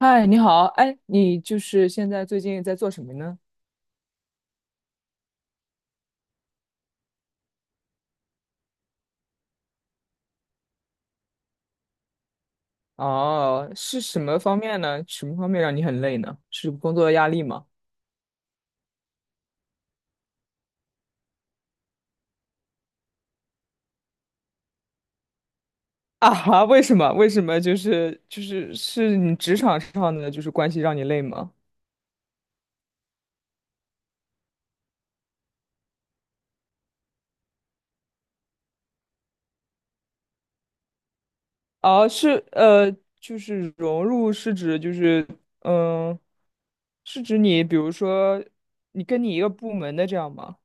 嗨，你好，哎，你现在最近在做什么呢？哦，是什么方面呢？什么方面让你很累呢？是工作压力吗？啊哈，为什么？为什么？你职场上的关系让你累吗？哦，就是融入是指嗯，是指你比如说你跟你一个部门的这样吗？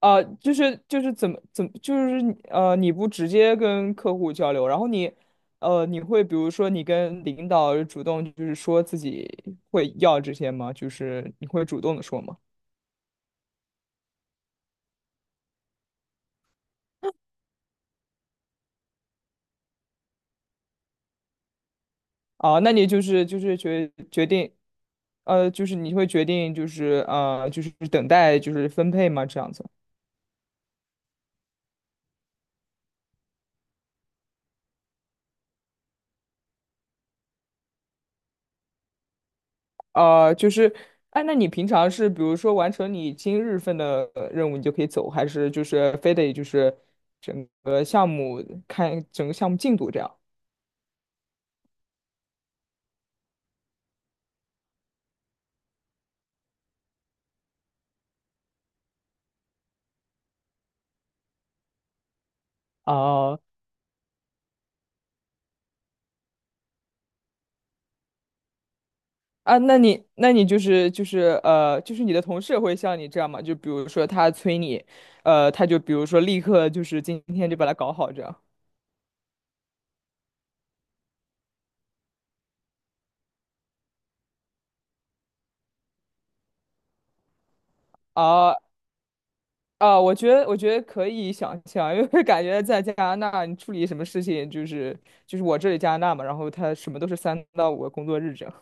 啊、就是就是怎么怎么就是你你不直接跟客户交流，然后你你会比如说你跟领导主动说自己会要这些吗？就是你会主动的说吗？啊、那你就是就是决决定，就是你会决定等待分配吗？这样子。啊，就是，哎，那你平常是比如说完成你今日份的任务，你就可以走，还是就是非得就是整个项目看整个项目进度这样？哦，啊，那你那你就是就是呃，就是你的同事会像你这样吗？就比如说他催你，他就比如说立刻就是今天就把它搞好这样。啊。啊，我觉得可以想象，因为感觉在加拿大，你处理什么事情，就是就是我这里加拿大嘛，然后他什么都是3到5个工作日这样，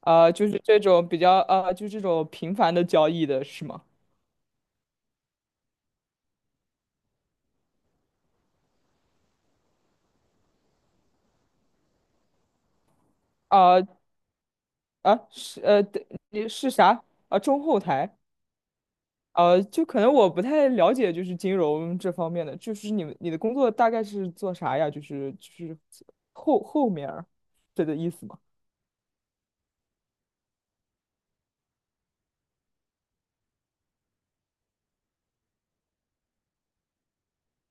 啊，就是这种比较啊，就这种频繁的交易的是吗？啊啊对你是啥？啊，中后台，啊，就可能我不太了解，就是金融这方面的，你的工作大概是做啥呀？后后面儿，这个意思吗？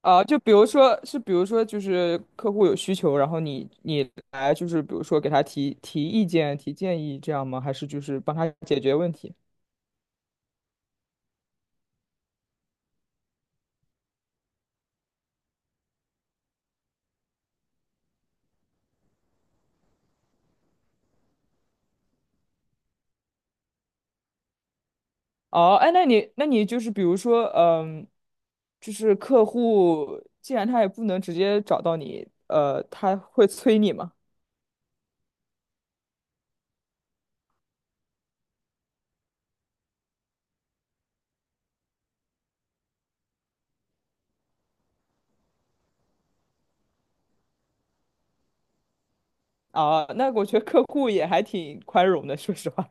啊，就比如说，是比如说，就是客户有需求，然后你你来，就是比如说给他提提意见、提建议，这样吗？还是就是帮他解决问题？哦，哎，那你那你就是比如说，嗯，就是客户既然他也不能直接找到你，呃，他会催你吗？啊，那我觉得客户也还挺宽容的，说实话。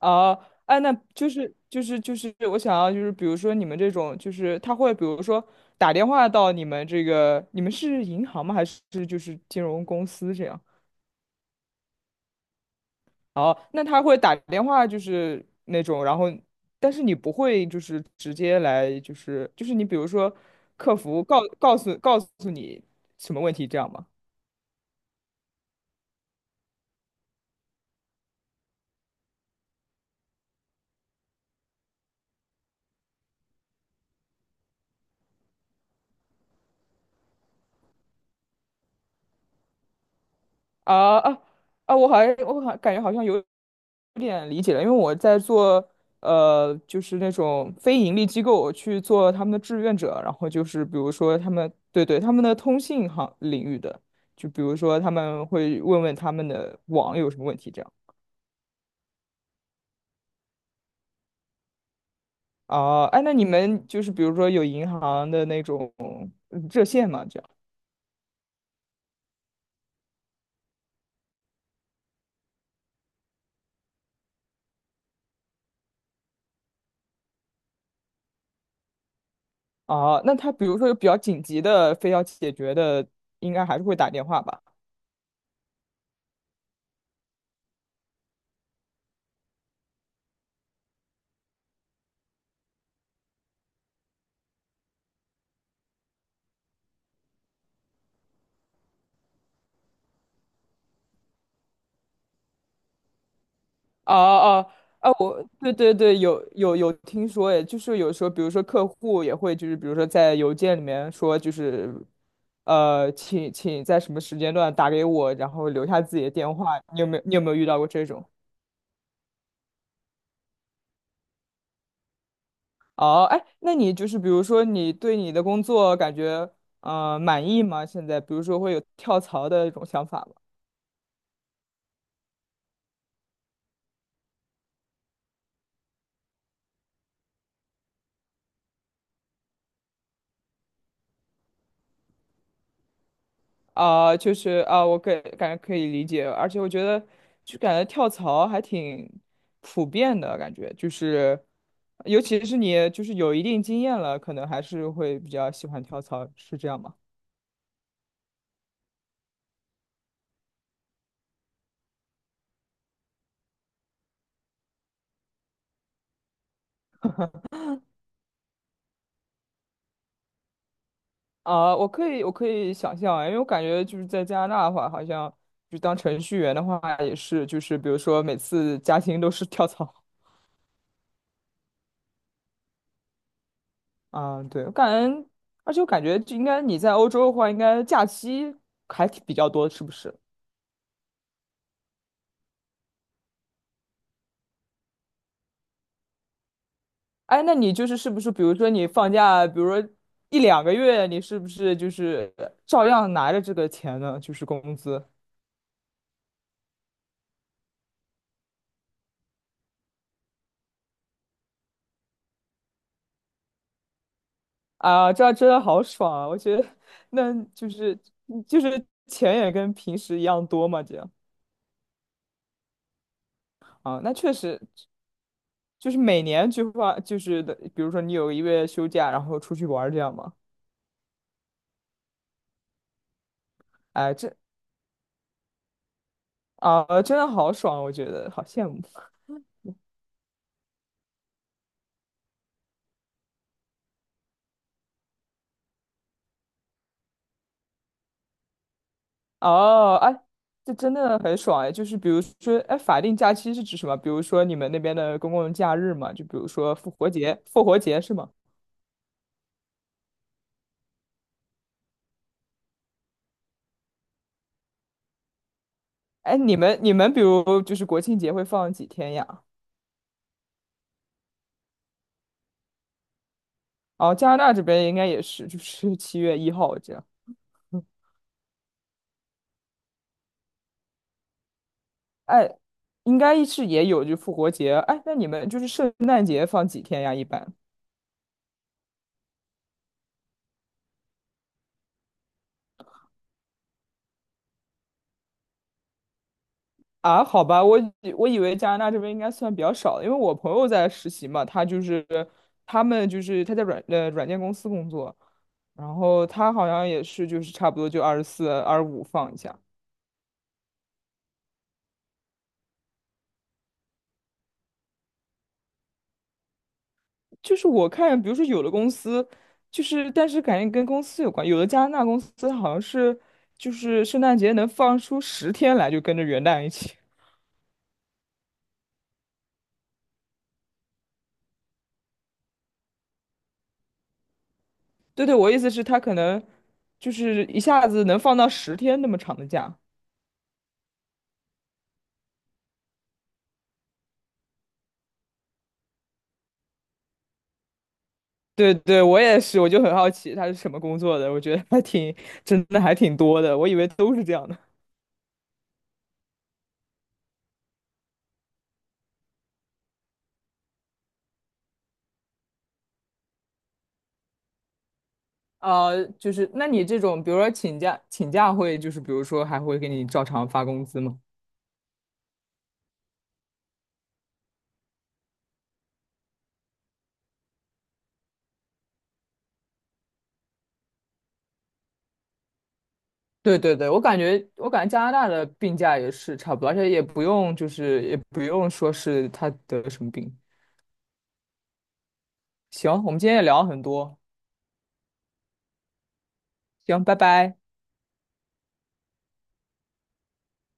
哦，哎，那我想要比如说你们这种就是他会比如说打电话到你们这个你们是银行吗？还是就是金融公司这样？哦，那他会打电话就是那种，然后但是你不会就是直接来就是就是你比如说客服告诉你什么问题这样吗？啊啊啊！我好感觉好像有点理解了，因为我在做就是那种非盈利机构去做他们的志愿者，然后就是比如说他们对他们的通信行领域的，就比如说他们会问问他们的网有什么问题这样。哦，哎，那你们就是比如说有银行的那种嗯热线嘛，这样。哦，那他比如说有比较紧急的非要解决的，应该还是会打电话吧？哦哦哦，我对对对，有有有听说诶，就是有时候，比如说客户也会，就是比如说在邮件里面说，就是呃，请在什么时间段打给我，然后留下自己的电话。你有没有遇到过这种？哦，哎，那你就是比如说你对你的工作感觉满意吗？现在比如说会有跳槽的一种想法吗？啊、就是啊、我感感觉可以理解，而且我觉得就感觉跳槽还挺普遍的感觉，就是尤其是你有一定经验了，可能还是会比较喜欢跳槽，是这样吗？啊、我可以想象啊，因为我感觉就是在加拿大的话，好像就当程序员的话也是，就是比如说每次加薪都是跳槽。啊、对，我感觉，而且我感觉就应该你在欧洲的话，应该假期还挺比较多，是不是？哎，那你就是是不是，比如说你放假，比如说1两个月，你是不是就是照样拿着这个钱呢？就是工资啊，这样真的好爽啊！我觉得，那钱也跟平时一样多嘛，这样啊，那确实就是每年就花，就是的，比如说你有1个月休假，然后出去玩儿这样嘛，哎，这啊，真的好爽啊，我觉得好羡慕。哦，哎，这真的很爽哎！就是比如说，哎，法定假期是指什么？比如说你们那边的公共假日嘛，就比如说复活节，复活节是吗？哎，你们比如就是国庆节会放几天呀？哦，加拿大这边应该也是，就是7月1号这样。哎，应该是也有就复活节。哎，那你们就是圣诞节放几天呀？一般？啊，好吧，我以为加拿大这边应该算比较少的，因为我朋友在实习嘛，他就是他们就是他在软件公司工作，然后他好像也是就是差不多就24、25放一下。就是我看，比如说有的公司就是但是感觉跟公司有关，有的加拿大公司好像是就是圣诞节能放出十天来，就跟着元旦一起。对对，我意思是，他可能就是一下子能放到十天那么长的假。对对，我也是，我就很好奇他是什么工作的，我觉得还挺，真的还挺多的，我以为都是这样的。呃，就是那你这种，比如说请假，请假会就是比如说还会给你照常发工资吗？对对对，我感觉加拿大的病假也是差不多，而且也不用也不用说是他得什么病。行，我们今天也聊了很多，行，拜拜。